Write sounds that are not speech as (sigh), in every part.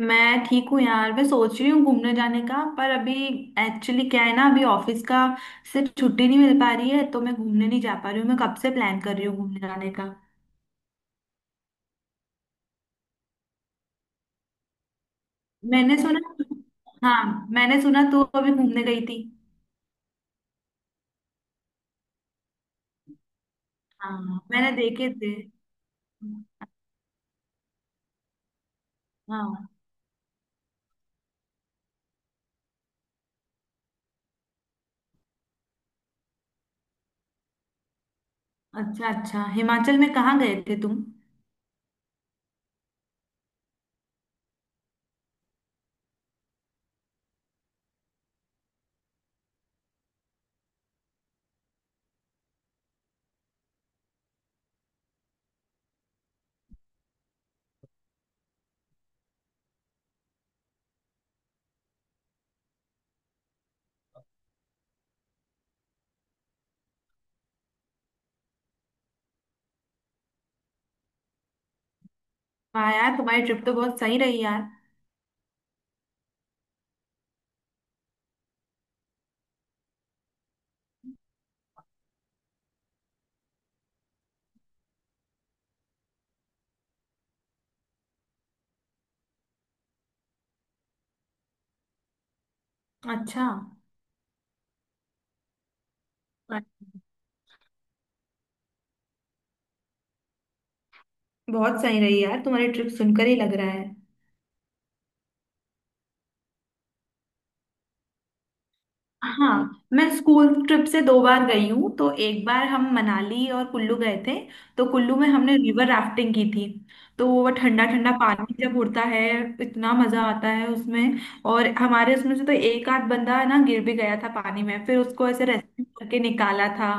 मैं ठीक हूँ यार। मैं सोच रही हूँ घूमने जाने का, पर अभी एक्चुअली क्या है ना, अभी ऑफिस का से छुट्टी नहीं मिल पा रही है, तो मैं घूमने नहीं जा पा रही हूँ। मैं कब से प्लान कर रही हूँ घूमने जाने का। मैंने सुना, हाँ मैंने सुना तू अभी घूमने गई थी। हाँ मैंने देखे थे। हाँ, अच्छा अच्छा, हिमाचल में कहाँ गए थे तुम? वाह यार, तुम्हारी ट्रिप तो बहुत सही रही यार। अच्छा, बहुत सही रही यार तुम्हारी ट्रिप, सुनकर ही लग रहा है। हाँ मैं स्कूल ट्रिप से दो बार गई हूँ, तो एक बार हम मनाली और कुल्लू गए थे। तो कुल्लू में हमने रिवर राफ्टिंग की थी। तो वो ठंडा ठंडा पानी जब उड़ता है, इतना मजा आता है उसमें। और हमारे उसमें से तो एक आध बंदा ना गिर भी गया था पानी में, फिर उसको ऐसे रेस्क्यू करके निकाला था।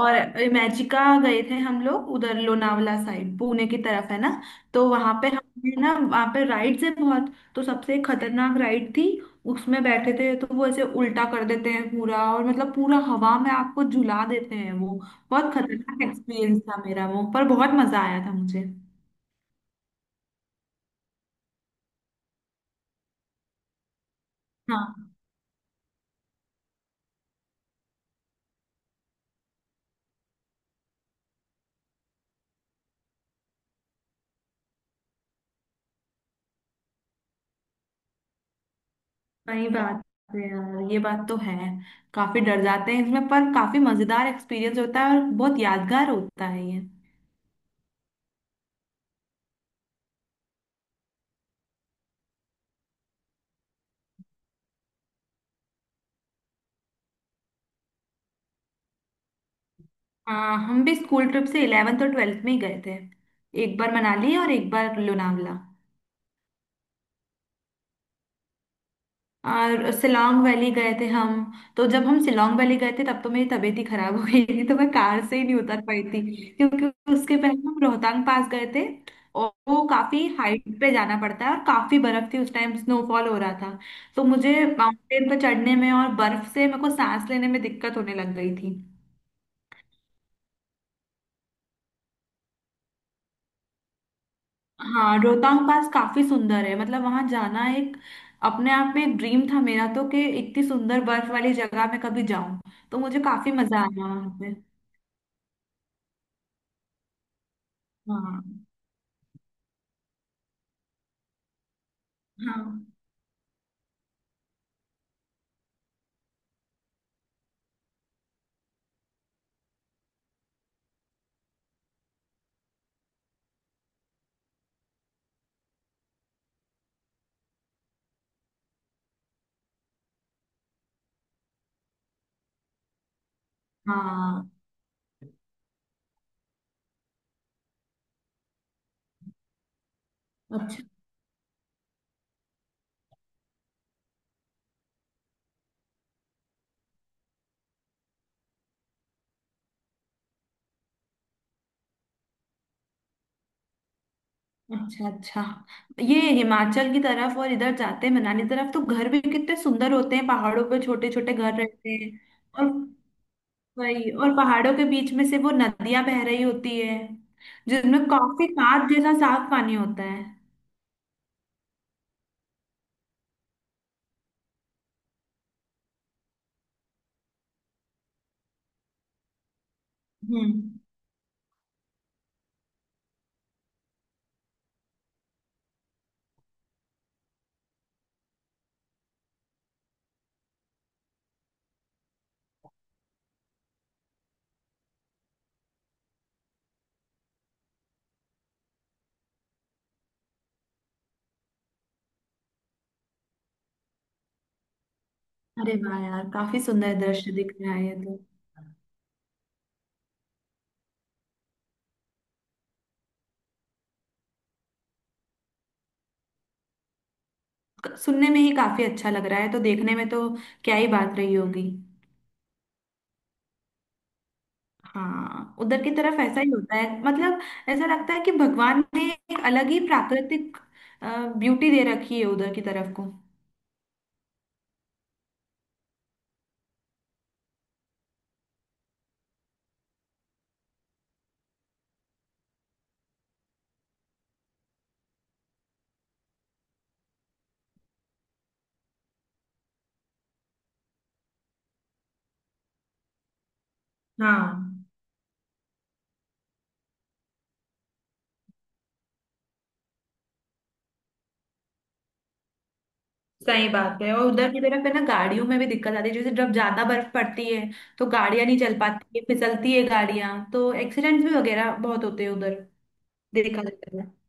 और इमेजिका गए थे हम लोग, उधर लोनावला साइड पुणे की तरफ है ना। तो वहां पे हमने ना, वहां पे राइड्स है बहुत, तो सबसे खतरनाक राइड थी, उसमें बैठे थे तो वो ऐसे उल्टा कर देते हैं पूरा, और मतलब पूरा हवा में आपको झुला देते हैं वो। बहुत खतरनाक एक्सपीरियंस था मेरा वो, पर बहुत मजा आया था मुझे। हाँ सही बात है यार, ये बात तो है। काफी डर जाते हैं इसमें, पर काफी मजेदार एक्सपीरियंस होता है और बहुत यादगार होता है ये। हाँ हम भी स्कूल ट्रिप से इलेवेंथ और ट्वेल्थ में ही गए थे। एक बार मनाली और एक बार लोनावला। और सिलोंग वैली गए थे हम। तो जब हम सिलोंग वैली गए थे तब तो मेरी तबीयत ही खराब हो गई थी, तो मैं कार से ही नहीं उतर पाई थी, क्योंकि उसके पहले हम रोहतांग पास गए थे। और वो काफी हाइट पे जाना पड़ता है, और काफी बर्फ थी उस टाइम, स्नोफॉल हो रहा था। तो मुझे माउंटेन पर चढ़ने में और बर्फ से मेरे को सांस लेने में दिक्कत होने लग गई थी। हाँ रोहतांग पास काफी सुंदर है, मतलब वहां जाना एक, अपने आप में एक ड्रीम था मेरा, तो कि इतनी सुंदर बर्फ वाली जगह में कभी जाऊं। तो मुझे काफी मजा आया वहां पे। हाँ हाँ हाँ। अच्छा अच्छा अच्छा। ये हिमाचल की तरफ और इधर जाते हैं मनाली तरफ, तो घर भी कितने सुंदर होते हैं, पहाड़ों पे छोटे छोटे घर रहते हैं। और वही, और पहाड़ों के बीच में से वो नदियां बह रही होती है, जिनमें काफी साफ, जैसा साफ पानी होता है। हम्म। अरे वाह यार, काफी सुंदर दृश्य दिख रहा है ये तो। क- सुनने में ही काफी अच्छा लग रहा है, तो देखने में तो क्या ही बात रही होगी। हाँ उधर की तरफ ऐसा ही होता है, मतलब ऐसा लगता है कि भगवान ने एक अलग ही प्राकृतिक ब्यूटी दे रखी है उधर की तरफ को। हाँ सही बात है, और उधर की तरफ है ना, गाड़ियों में भी दिक्कत आती है, जैसे जब ज्यादा बर्फ पड़ती है तो गाड़ियां नहीं चल पाती है, फिसलती है गाड़ियां, तो एक्सीडेंट्स भी वगैरह बहुत होते हैं उधर देखा जाए तो।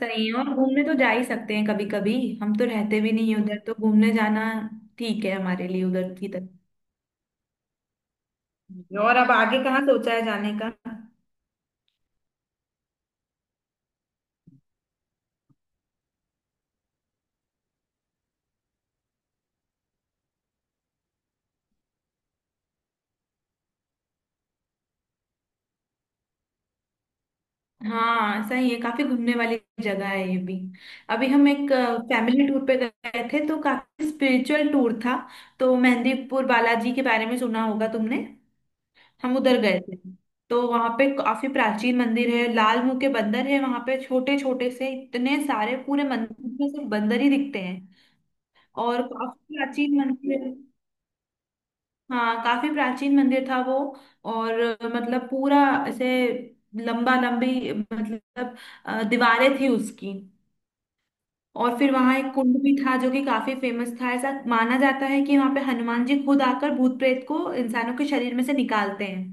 सही है, और घूमने तो जा ही सकते हैं कभी कभी। हम तो रहते भी नहीं हैं उधर, तो घूमने जाना ठीक है हमारे लिए उधर की तरफ। और अब आगे कहाँ सोचा है जाने का? हाँ सही है, काफी घूमने वाली जगह है ये भी। अभी हम एक फैमिली टूर पे गए थे, तो काफी स्पिरिचुअल टूर था। तो मेहंदीपुर बालाजी के बारे में सुना होगा तुमने। हम उधर गए थे। तो वहां पे काफी प्राचीन मंदिर है, लाल मुंह के बंदर है वहां पे छोटे छोटे से, इतने सारे पूरे मंदिर में सिर्फ बंदर ही दिखते हैं। और काफी प्राचीन मंदिर। हाँ काफी प्राचीन मंदिर था वो। और मतलब पूरा, ऐसे लंबा लंबी, मतलब दीवारें थी उसकी। और फिर वहां एक कुंड भी था, जो कि काफी फेमस था। ऐसा माना जाता है कि वहां पे हनुमान जी खुद आकर भूत प्रेत को इंसानों के शरीर में से निकालते हैं।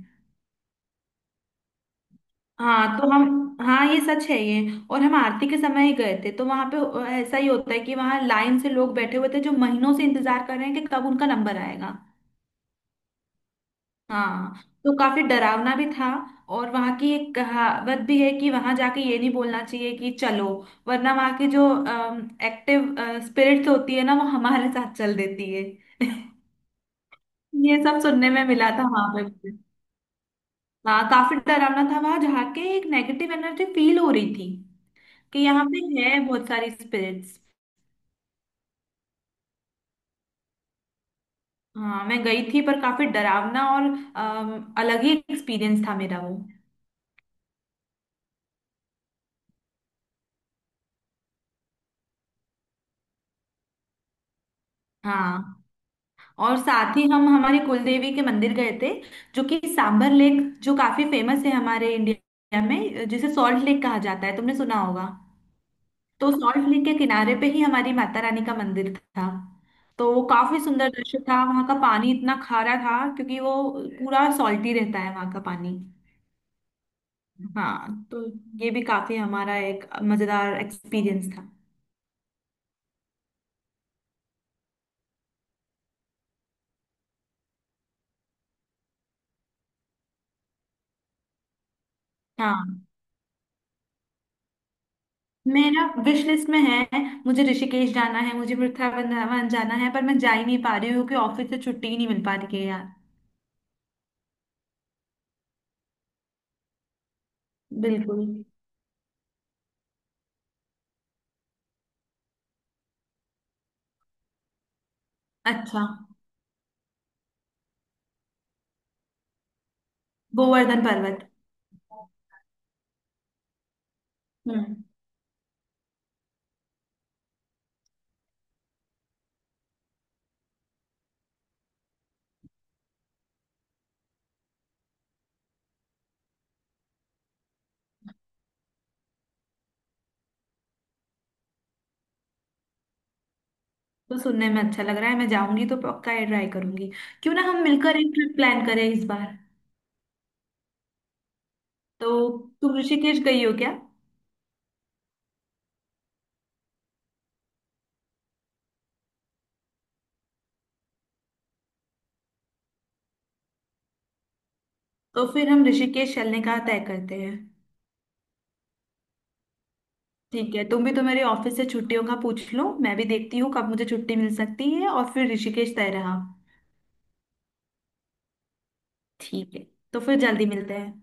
हाँ तो हम, हाँ ये सच है ये। और हम आरती के समय ही गए थे, तो वहां पे ऐसा ही होता है कि वहां लाइन से लोग बैठे हुए थे जो महीनों से इंतजार कर रहे हैं कि कब उनका नंबर आएगा। हाँ, तो काफी डरावना भी था। और वहां की एक कहावत भी है कि वहां जाके ये नहीं बोलना चाहिए कि चलो, वरना वहां की जो एक्टिव स्पिरिट्स होती है ना, वो हमारे साथ चल देती है (laughs) ये सब सुनने में मिला था वहां पे मुझे। हाँ काफी डरावना था, वहां जाके एक नेगेटिव एनर्जी फील हो रही थी कि यहाँ पे है बहुत सारी स्पिरिट्स। हाँ मैं गई थी, पर काफी डरावना और अलग ही एक्सपीरियंस था मेरा वो। हाँ। और साथ ही हम हमारी कुलदेवी के मंदिर गए थे, जो कि सांबर लेक, जो काफी फेमस है हमारे इंडिया में, जिसे सॉल्ट लेक कहा जाता है, तुमने सुना होगा। तो सॉल्ट लेक के किनारे पे ही हमारी माता रानी का मंदिर था। तो वो काफी सुंदर दृश्य था, वहां का पानी इतना खारा था, क्योंकि वो पूरा सॉल्टी रहता है वहां का पानी। हाँ, तो ये भी काफी हमारा एक मजेदार एक्सपीरियंस था। हाँ मेरा विश लिस्ट में है। मुझे ऋषिकेश जाना है, मुझे वृंदावन जाना है, पर मैं जा ही नहीं पा रही हूँ क्योंकि ऑफिस से छुट्टी ही नहीं मिल पा रही है यार। बिल्कुल। अच्छा। गोवर्धन पर्वत। हम्म। तो सुनने में अच्छा लग रहा है, मैं जाऊंगी तो पक्का ये ट्राई करूंगी। क्यों ना हम मिलकर एक ट्रिप प्लान करें इस बार। तो, तुम ऋषिकेश गई हो क्या? तो फिर हम ऋषिकेश चलने का तय करते हैं। ठीक है, तुम भी तो मेरे, ऑफिस से छुट्टियों का पूछ लो, मैं भी देखती हूँ कब मुझे छुट्टी मिल सकती है, और फिर ऋषिकेश तय रहा। ठीक है। तो फिर जल्दी मिलते हैं।